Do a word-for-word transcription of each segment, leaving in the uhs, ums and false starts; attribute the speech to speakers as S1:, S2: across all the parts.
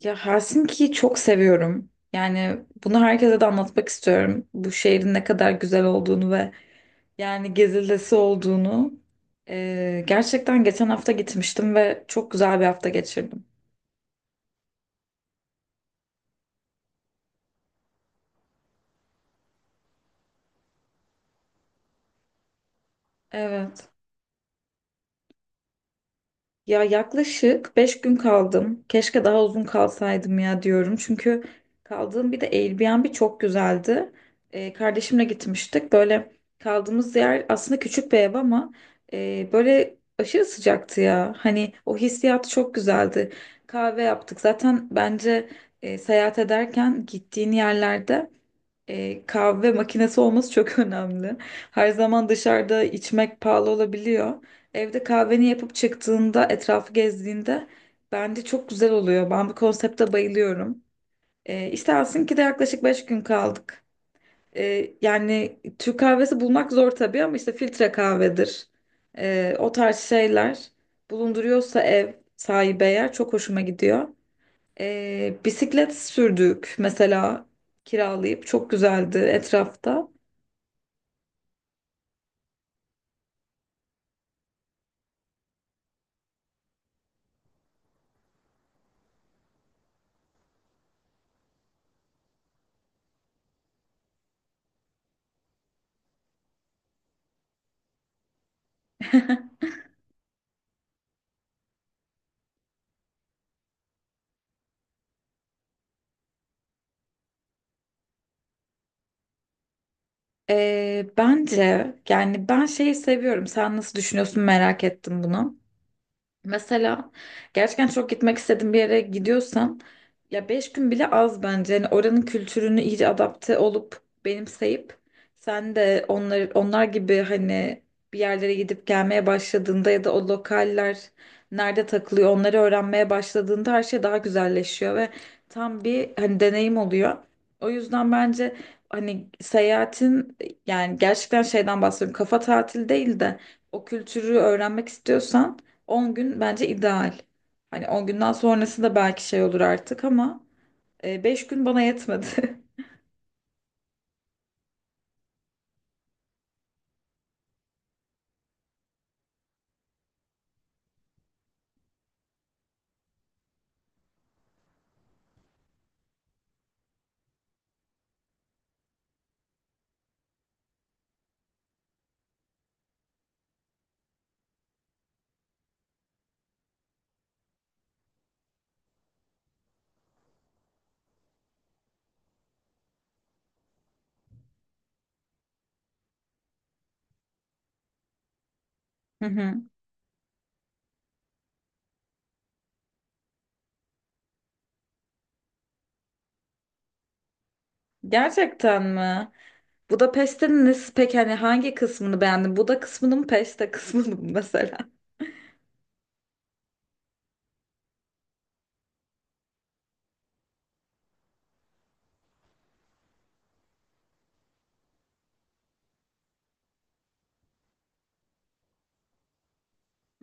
S1: Ya Helsinki'yi çok seviyorum. Yani bunu herkese de anlatmak istiyorum. Bu şehrin ne kadar güzel olduğunu ve yani gezilesi olduğunu. Ee, gerçekten geçen hafta gitmiştim ve çok güzel bir hafta geçirdim. Evet. Ya yaklaşık beş gün kaldım. Keşke daha uzun kalsaydım ya diyorum. Çünkü kaldığım bir de Airbnb çok güzeldi. Ee, kardeşimle gitmiştik. Böyle kaldığımız yer aslında küçük bir ev ama e, böyle aşırı sıcaktı ya. Hani o hissiyat çok güzeldi. Kahve yaptık. Zaten bence e, seyahat ederken gittiğin yerlerde e, kahve makinesi olması çok önemli. Her zaman dışarıda içmek pahalı olabiliyor. Evde kahveni yapıp çıktığında, etrafı gezdiğinde bence çok güzel oluyor. Ben bu konsepte bayılıyorum. E, İstersin ki de yaklaşık beş gün kaldık. E, yani Türk kahvesi bulmak zor tabii ama işte filtre kahvedir. E, o tarz şeyler bulunduruyorsa ev sahibi eğer çok hoşuma gidiyor. Ee, bisiklet sürdük mesela kiralayıp çok güzeldi etrafta. Ee, bence yani ben şeyi seviyorum. Sen nasıl düşünüyorsun merak ettim bunu. Mesela gerçekten çok gitmek istediğim bir yere gidiyorsan ya beş gün bile az bence. Yani oranın kültürünü iyice adapte olup benimseyip sen de onlar, onlar gibi hani bir yerlere gidip gelmeye başladığında ya da o lokaller nerede takılıyor onları öğrenmeye başladığında her şey daha güzelleşiyor ve tam bir hani deneyim oluyor. O yüzden bence hani seyahatin yani gerçekten şeyden bahsediyorum kafa tatili değil de o kültürü öğrenmek istiyorsan on gün bence ideal. Hani on günden sonrası da belki şey olur artık ama beş gün bana yetmedi. Hı hı. Gerçekten mi? Budapeşte'nin nesi peki hani hangi kısmını beğendin? Buda kısmını mı peste kısmını mı mesela?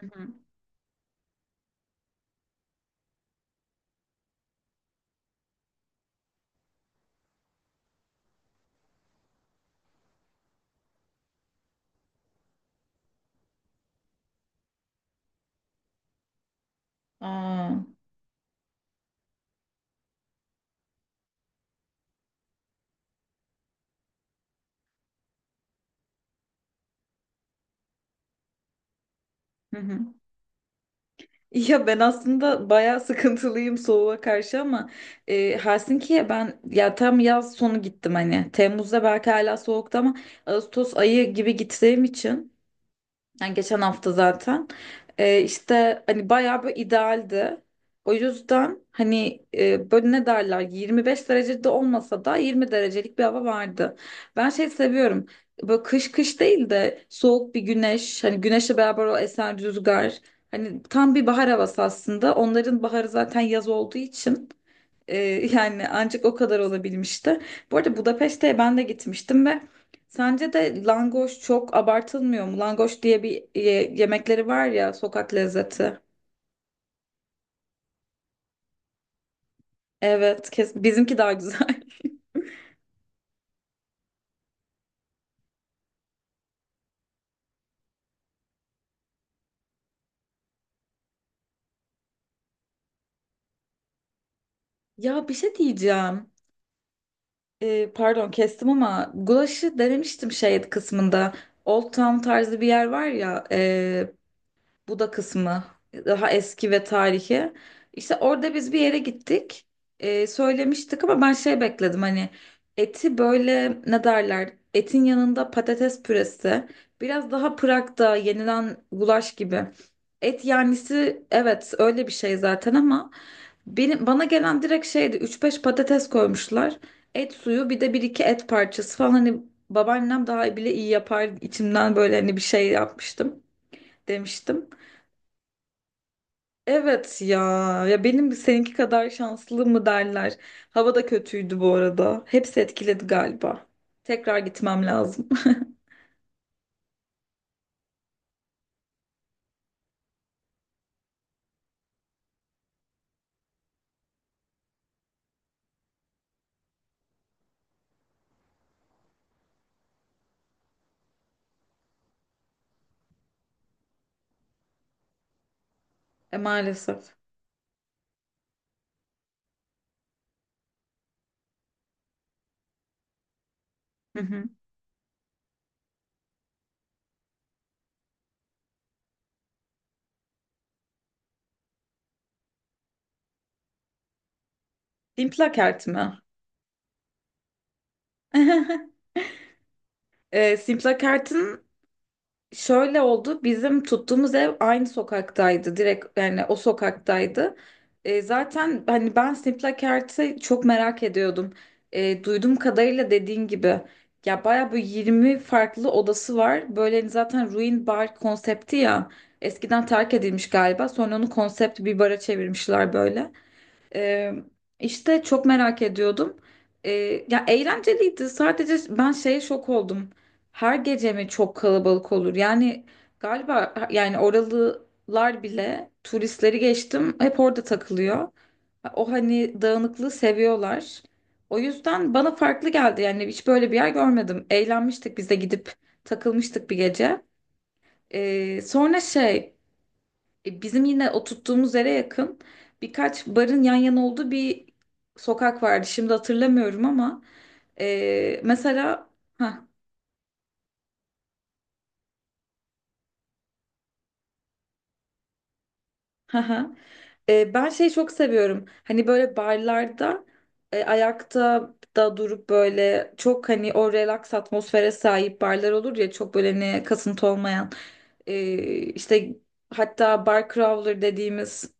S1: Hı hı. Aa. Hı hı. Ya ben aslında bayağı sıkıntılıyım soğuğa karşı ama e, Helsinki'ye ben ya tam yaz sonu gittim hani Temmuz'da belki hala soğuktu ama Ağustos ayı gibi gittiğim için yani geçen hafta zaten. Ee, işte hani bayağı bir idealdi. O yüzden hani e, böyle ne derler yirmi beş derecede olmasa da yirmi derecelik bir hava vardı. Ben şey seviyorum. Böyle kış kış değil de soğuk bir güneş. Hani güneşle beraber o esen rüzgar. Hani tam bir bahar havası aslında. Onların baharı zaten yaz olduğu için. Ee, Yani ancak o kadar olabilmişti. Bu arada Budapeşte'ye ben de gitmiştim ve sence de langoş çok abartılmıyor mu? Langoş diye bir ye- yemekleri var ya sokak lezzeti. Evet, kes bizimki daha güzel. Ya bir şey diyeceğim. Ee, pardon kestim ama gulaşı denemiştim şey kısmında. Old Town tarzı bir yer var ya, e, bu da kısmı daha eski ve tarihi. İşte orada biz bir yere gittik. Ee, söylemiştik ama ben şey bekledim hani eti böyle ne derler? Etin yanında patates püresi. Biraz daha Prag'da yenilen gulaş gibi. Et yanlisi evet öyle bir şey zaten ama benim, bana gelen direkt şeydi üç beş patates koymuşlar. Et suyu bir de bir iki et parçası falan hani babaannem daha bile iyi yapar içimden böyle hani bir şey yapmıştım demiştim. Evet ya. Ya benim seninki kadar şanslı mı derler. Hava da kötüydü bu arada. Hepsi etkiledi galiba. Tekrar gitmem lazım. E maalesef. Hı hı. Simplakert mi? e, Simplakert'in şöyle oldu. Bizim tuttuğumuz ev aynı sokaktaydı. Direkt yani o sokaktaydı. E, zaten hani ben Snip'le Ert'i çok merak ediyordum. E, duyduğum kadarıyla dediğin gibi ya bayağı böyle yirmi farklı odası var. Böyle hani zaten ruin bar konsepti ya. Eskiden terk edilmiş galiba. Sonra onu konsept bir bara çevirmişler böyle. Ee, işte çok merak ediyordum. Ee, Ya eğlenceliydi. Sadece ben şeye şok oldum. Her gece mi çok kalabalık olur? Yani galiba yani oralılar bile turistleri geçtim hep orada takılıyor. O hani dağınıklığı seviyorlar. O yüzden bana farklı geldi. Yani hiç böyle bir yer görmedim. Eğlenmiştik biz de gidip takılmıştık bir gece. Ee, sonra şey e, bizim yine oturttuğumuz yere yakın birkaç barın yan yana olduğu bir sokak vardı. Şimdi hatırlamıyorum ama e, mesela ha ha ha. E, ben şeyi çok seviyorum. Hani böyle barlarda e, ayakta da durup böyle çok hani o relax atmosfere sahip barlar olur ya çok böyle hani kasıntı olmayan. E, işte hatta bar crawler dediğimiz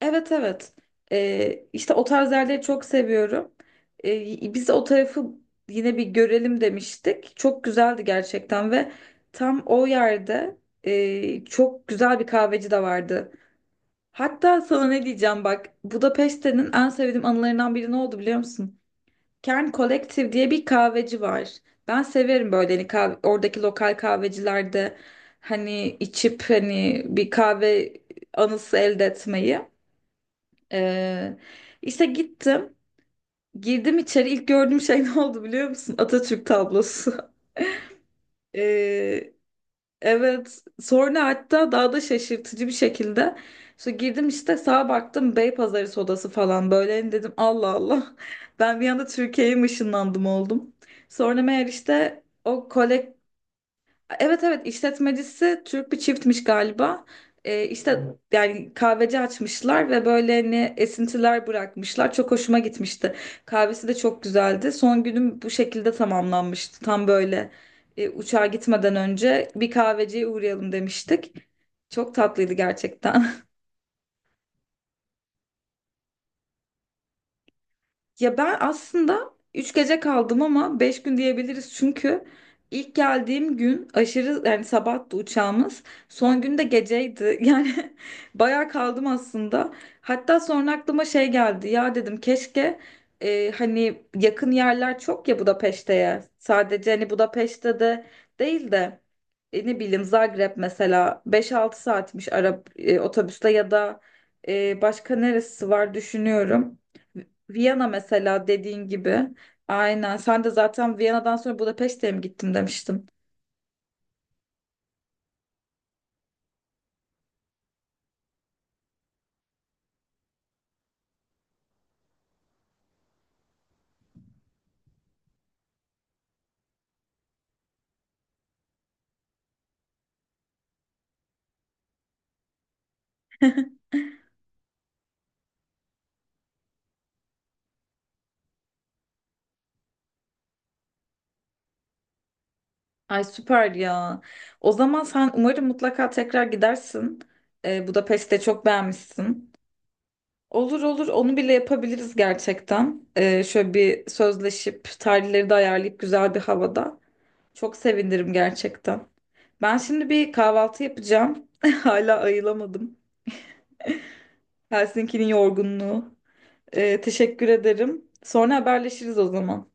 S1: evet evet. Ee, işte o tarz yerleri çok seviyorum. Ee, biz o tarafı yine bir görelim demiştik. Çok güzeldi gerçekten ve tam o yerde e, çok güzel bir kahveci de vardı. Hatta sana ne diyeceğim bak. Budapeşte'nin en sevdiğim anılarından biri ne oldu biliyor musun? Kern Collective diye bir kahveci var. Ben severim böyle hani kahve, oradaki lokal kahvecilerde hani içip hani bir kahve anısı elde etmeyi. Ee, işte gittim. Girdim içeri. İlk gördüğüm şey ne oldu biliyor musun? Atatürk tablosu. Ee, evet. Sonra hatta daha da şaşırtıcı bir şekilde. İşte girdim işte sağa baktım Beypazarı sodası falan böyle. Hani dedim Allah Allah. Ben bir anda Türkiye'ye mi ışınlandım oldum. Sonra meğer işte o evet evet işletmecisi Türk bir çiftmiş galiba. Ee, işte yani kahveci açmışlar ve böyle hani esintiler bırakmışlar. Çok hoşuma gitmişti. Kahvesi de çok güzeldi. Son günüm bu şekilde tamamlanmıştı. Tam böyle e, uçağa gitmeden önce bir kahveciye uğrayalım demiştik. Çok tatlıydı gerçekten. Ya ben aslında üç gece kaldım ama beş gün diyebiliriz çünkü ilk geldiğim gün aşırı yani sabahtı uçağımız. Son gün de geceydi. Yani bayağı kaldım aslında. Hatta sonra aklıma şey geldi. Ya dedim keşke e, hani yakın yerler çok ya Budapeşte'ye. Sadece hani Budapeşte de değil de e, ne bileyim Zagreb mesela beş altı saatmiş Arap otobüste ya da e, başka neresi var düşünüyorum. Viyana mesela dediğin gibi. Aynen. Sen de zaten Viyana'dan sonra Budapeşte'ye mi gittim demiştin. Ay süper ya. O zaman sen umarım mutlaka tekrar gidersin. Ee, Budapeşte çok beğenmişsin. Olur olur onu bile yapabiliriz gerçekten. Ee, şöyle bir sözleşip tarihleri de ayarlayıp güzel bir havada. Çok sevinirim gerçekten. Ben şimdi bir kahvaltı yapacağım. Hala ayılamadım. Helsinki'nin yorgunluğu. Ee, teşekkür ederim. Sonra haberleşiriz o zaman.